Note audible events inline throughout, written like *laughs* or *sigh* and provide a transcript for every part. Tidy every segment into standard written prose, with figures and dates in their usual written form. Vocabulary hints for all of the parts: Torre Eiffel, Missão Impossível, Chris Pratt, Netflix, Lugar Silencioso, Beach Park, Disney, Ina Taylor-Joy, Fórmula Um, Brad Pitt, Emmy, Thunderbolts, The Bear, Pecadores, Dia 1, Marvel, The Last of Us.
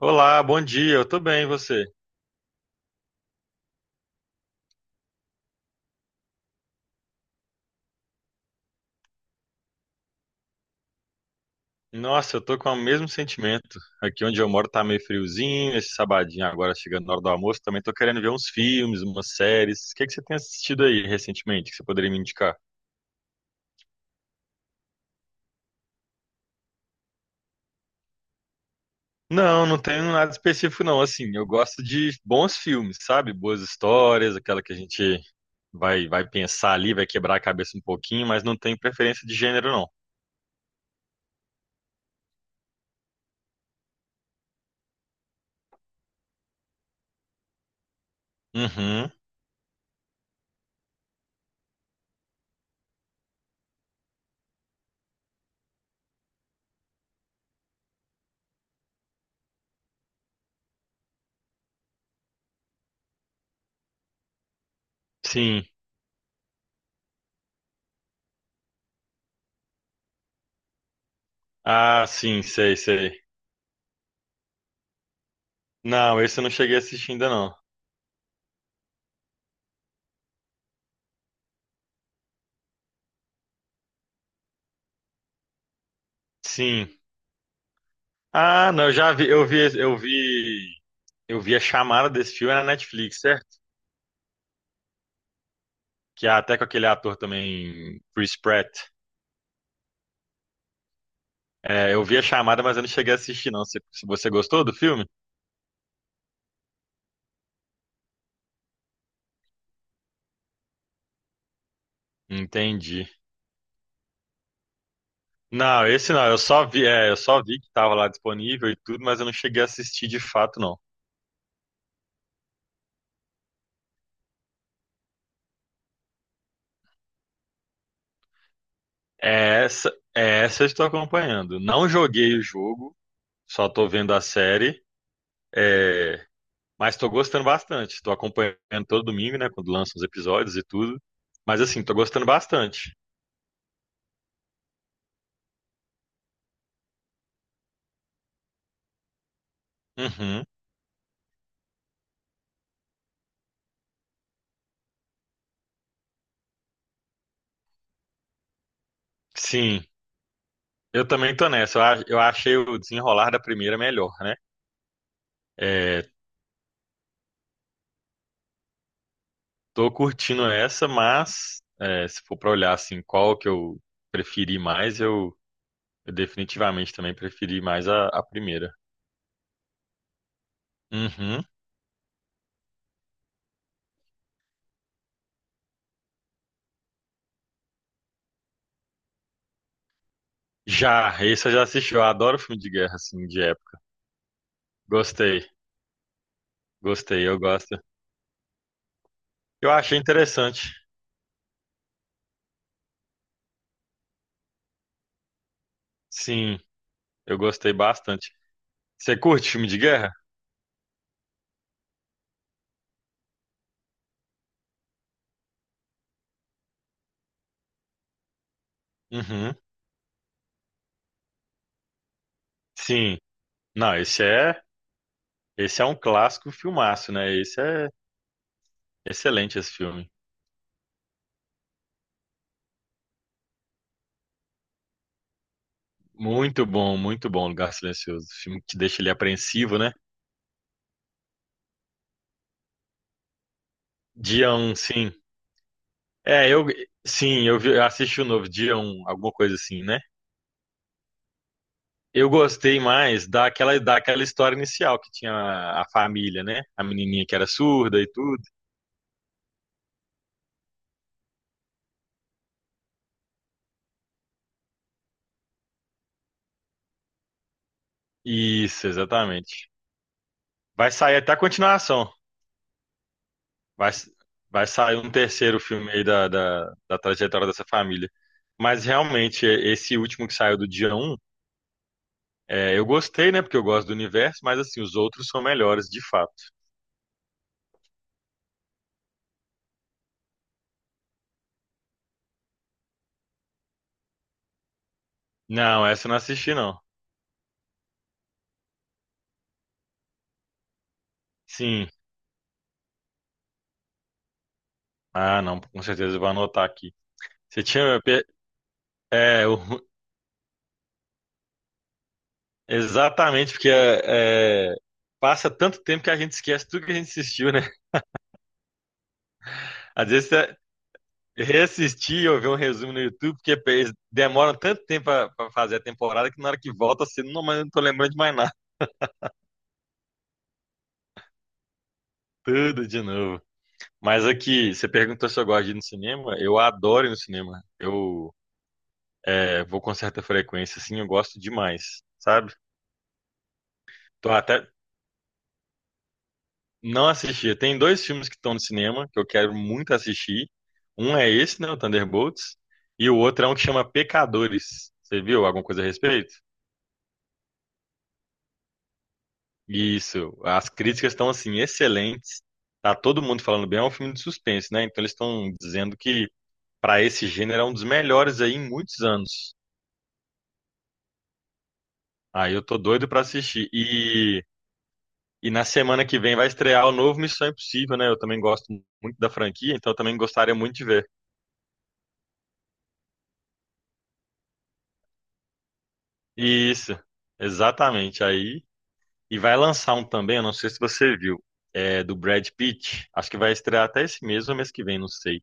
Olá, bom dia. Eu tô bem, e você? Nossa, eu tô com o mesmo sentimento. Aqui onde eu moro tá meio friozinho, esse sabadinho agora chegando na hora do almoço, também tô querendo ver uns filmes, umas séries. O que que você tem assistido aí recentemente que você poderia me indicar? Não, não tenho nada específico não, assim, eu gosto de bons filmes, sabe? Boas histórias, aquela que a gente vai pensar ali, vai quebrar a cabeça um pouquinho, mas não tenho preferência de gênero não. Uhum. Sim. Ah, sim, sei, sei. Não, esse eu não cheguei a assistir ainda não. Sim. Ah, não, eu já vi, eu vi a chamada desse filme na Netflix, certo? Que é até com aquele ator também, Chris Pratt. É, eu vi a chamada, mas eu não cheguei a assistir, não. Você gostou do filme? Entendi. Não, esse não, eu só vi, eu só vi que tava lá disponível e tudo, mas eu não cheguei a assistir de fato, não. É essa, é essa eu estou acompanhando. Não joguei o jogo, só tô vendo a série. É, Mas tô gostando bastante. Tô acompanhando todo domingo, né? Quando lançam os episódios e tudo. Mas assim, tô gostando bastante. Uhum. Sim, eu também tô nessa. Eu achei o desenrolar da primeira melhor, né? É, tô curtindo essa, mas é, se for pra olhar assim, qual que preferi mais, eu, eu definitivamente também preferi mais a primeira. Uhum. Já, esse eu já assisti. Eu adoro filme de guerra, assim, de época. Gostei, gostei, eu gosto. Eu achei interessante. Sim. Eu gostei bastante. Você curte filme de guerra? Uhum. Sim. Não, esse é um clássico filmaço, né? Esse é excelente esse filme. Muito bom, Lugar Silencioso. Filme que deixa ele apreensivo, né? Dia 1, sim. É, eu eu assisti o novo Dia 1, alguma coisa assim, né? Eu gostei mais daquela história inicial que tinha a família, né? A menininha que era surda e tudo. Isso, exatamente. Vai sair até a continuação. Vai, vai sair um terceiro filme aí da trajetória dessa família. Mas realmente, esse último que saiu do dia 1, eu gostei, né? Porque eu gosto do universo, mas assim, os outros são melhores, de fato. Não, essa eu não assisti, não. Sim. Ah, não, com certeza eu vou anotar aqui. Você tinha. pe- É, o- exatamente, porque passa tanto tempo que a gente esquece tudo que a gente assistiu, né? Às vezes é, Reassistir ou ver um resumo no YouTube, porque eles demoram tanto tempo pra fazer a temporada que na hora que volta assim, não, mas eu não tô lembrando de mais nada. *laughs* Tudo de novo. Mas aqui, você perguntou se eu gosto de ir no cinema. Eu adoro ir no cinema. Eu vou com certa frequência, assim, eu gosto demais, sabe? Tô até não assisti. Tem dois filmes que estão no cinema que eu quero muito assistir. Um é esse, né, o Thunderbolts, e o outro é um que chama Pecadores. Você viu alguma coisa a respeito? Isso, as críticas estão assim excelentes. Tá todo mundo falando bem, é um filme de suspense, né? Então eles estão dizendo que para esse gênero é um dos melhores aí em muitos anos. Aí eu tô doido para assistir. E na semana que vem vai estrear o novo Missão Impossível, né? Eu também gosto muito da franquia, então eu também gostaria muito de ver. Isso, exatamente. Aí e vai lançar um também, eu não sei se você viu, é do Brad Pitt. Acho que vai estrear até esse mês ou mês que vem, não sei.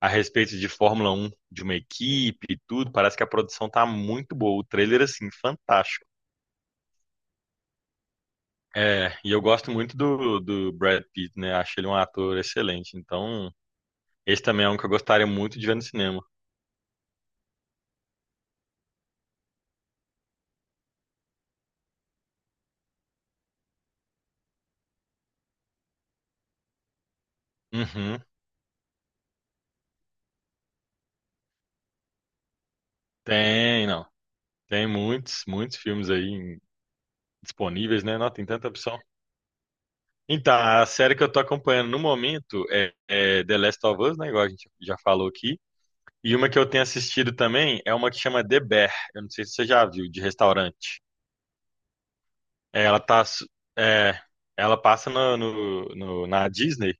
A respeito de Fórmula Um, de uma equipe e tudo, parece que a produção tá muito boa. O trailer, assim, fantástico. É, e eu gosto muito do Brad Pitt, né? Acho ele um ator excelente. Então, esse também é um que eu gostaria muito de ver no cinema. Uhum. Tem, não. Tem muitos filmes aí disponíveis, né? Não, tem tanta opção. Então, a série que eu tô acompanhando no momento é The Last of Us, né? Igual a gente já falou aqui. E uma que eu tenho assistido também é uma que chama The Bear. Eu não sei se você já viu, de restaurante. É, ela tá, su- é, ela passa na Disney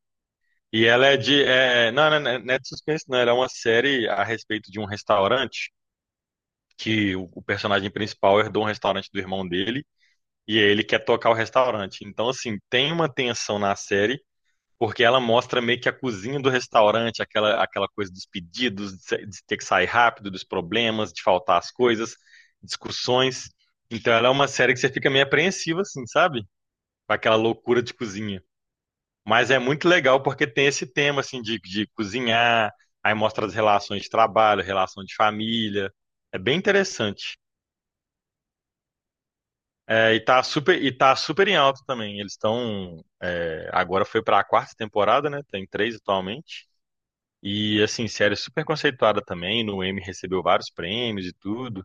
e ela é de, não é de suspense, não. Ela é uma série a respeito de um restaurante que o personagem principal herdou um restaurante do irmão dele e aí ele quer tocar o restaurante. Então, assim, tem uma tensão na série porque ela mostra meio que a cozinha do restaurante, aquela coisa dos pedidos, de ter que sair rápido, dos problemas, de faltar as coisas, discussões. Então, ela é uma série que você fica meio apreensiva, assim, sabe? Com aquela loucura de cozinha. Mas é muito legal porque tem esse tema assim de cozinhar, aí mostra as relações de trabalho, relação de família. É bem interessante. E tá super em alta também. Agora foi para a quarta temporada, né? Tem três atualmente. E assim, série super conceituada também. No Emmy recebeu vários prêmios e tudo.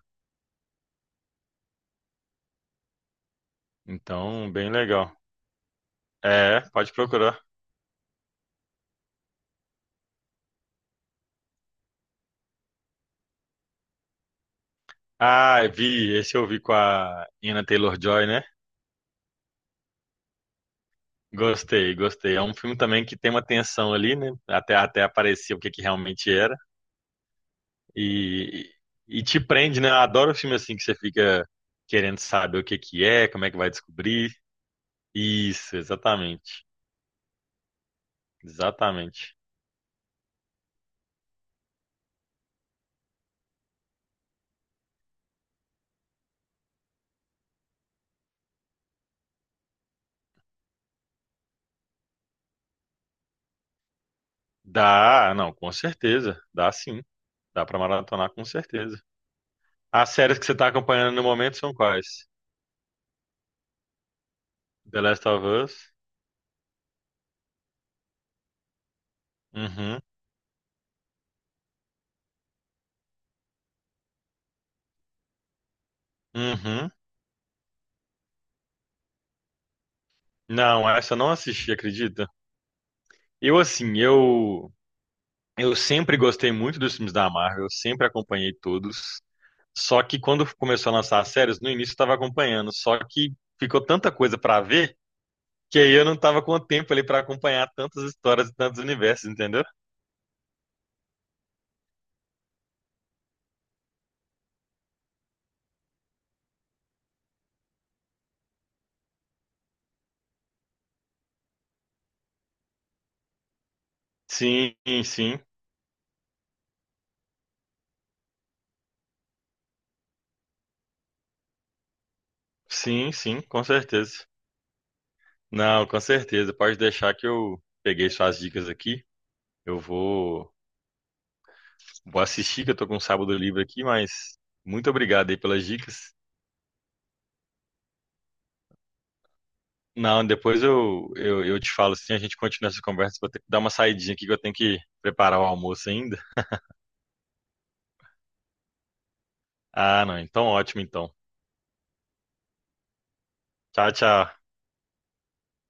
Então, bem legal. É, pode procurar. Ah, vi, esse eu vi com a Ina Taylor-Joy, né? Gostei. É um filme também que tem uma tensão ali, né? Até aparecer o que, que realmente era. E, e te prende, né? Eu adoro filme assim que você fica querendo saber o que, que é, como é que vai descobrir. Isso, exatamente. Exatamente. Dá, não, com certeza. Dá sim. Dá pra maratonar com certeza. As séries que você tá acompanhando no momento são quais? The Last of Us? Uhum. Uhum. Não, essa eu não assisti, acredita? Eu assim, eu sempre gostei muito dos filmes da Marvel, eu sempre acompanhei todos. Só que quando começou a lançar as séries, no início eu estava acompanhando, só que ficou tanta coisa para ver que aí eu não estava com o tempo ali para acompanhar tantas histórias e tantos universos, entendeu? Sim, sim, sim, com certeza. Não, com certeza. Pode deixar que eu peguei suas dicas aqui. Eu vou, vou assistir, que eu tô com um sábado livre aqui, mas muito obrigado aí pelas dicas. Não, depois eu te falo assim, a gente continua essa conversa. Vou ter que dar uma saidinha aqui que eu tenho que preparar o almoço ainda. Ah, não, então ótimo então. Tchau, tchau.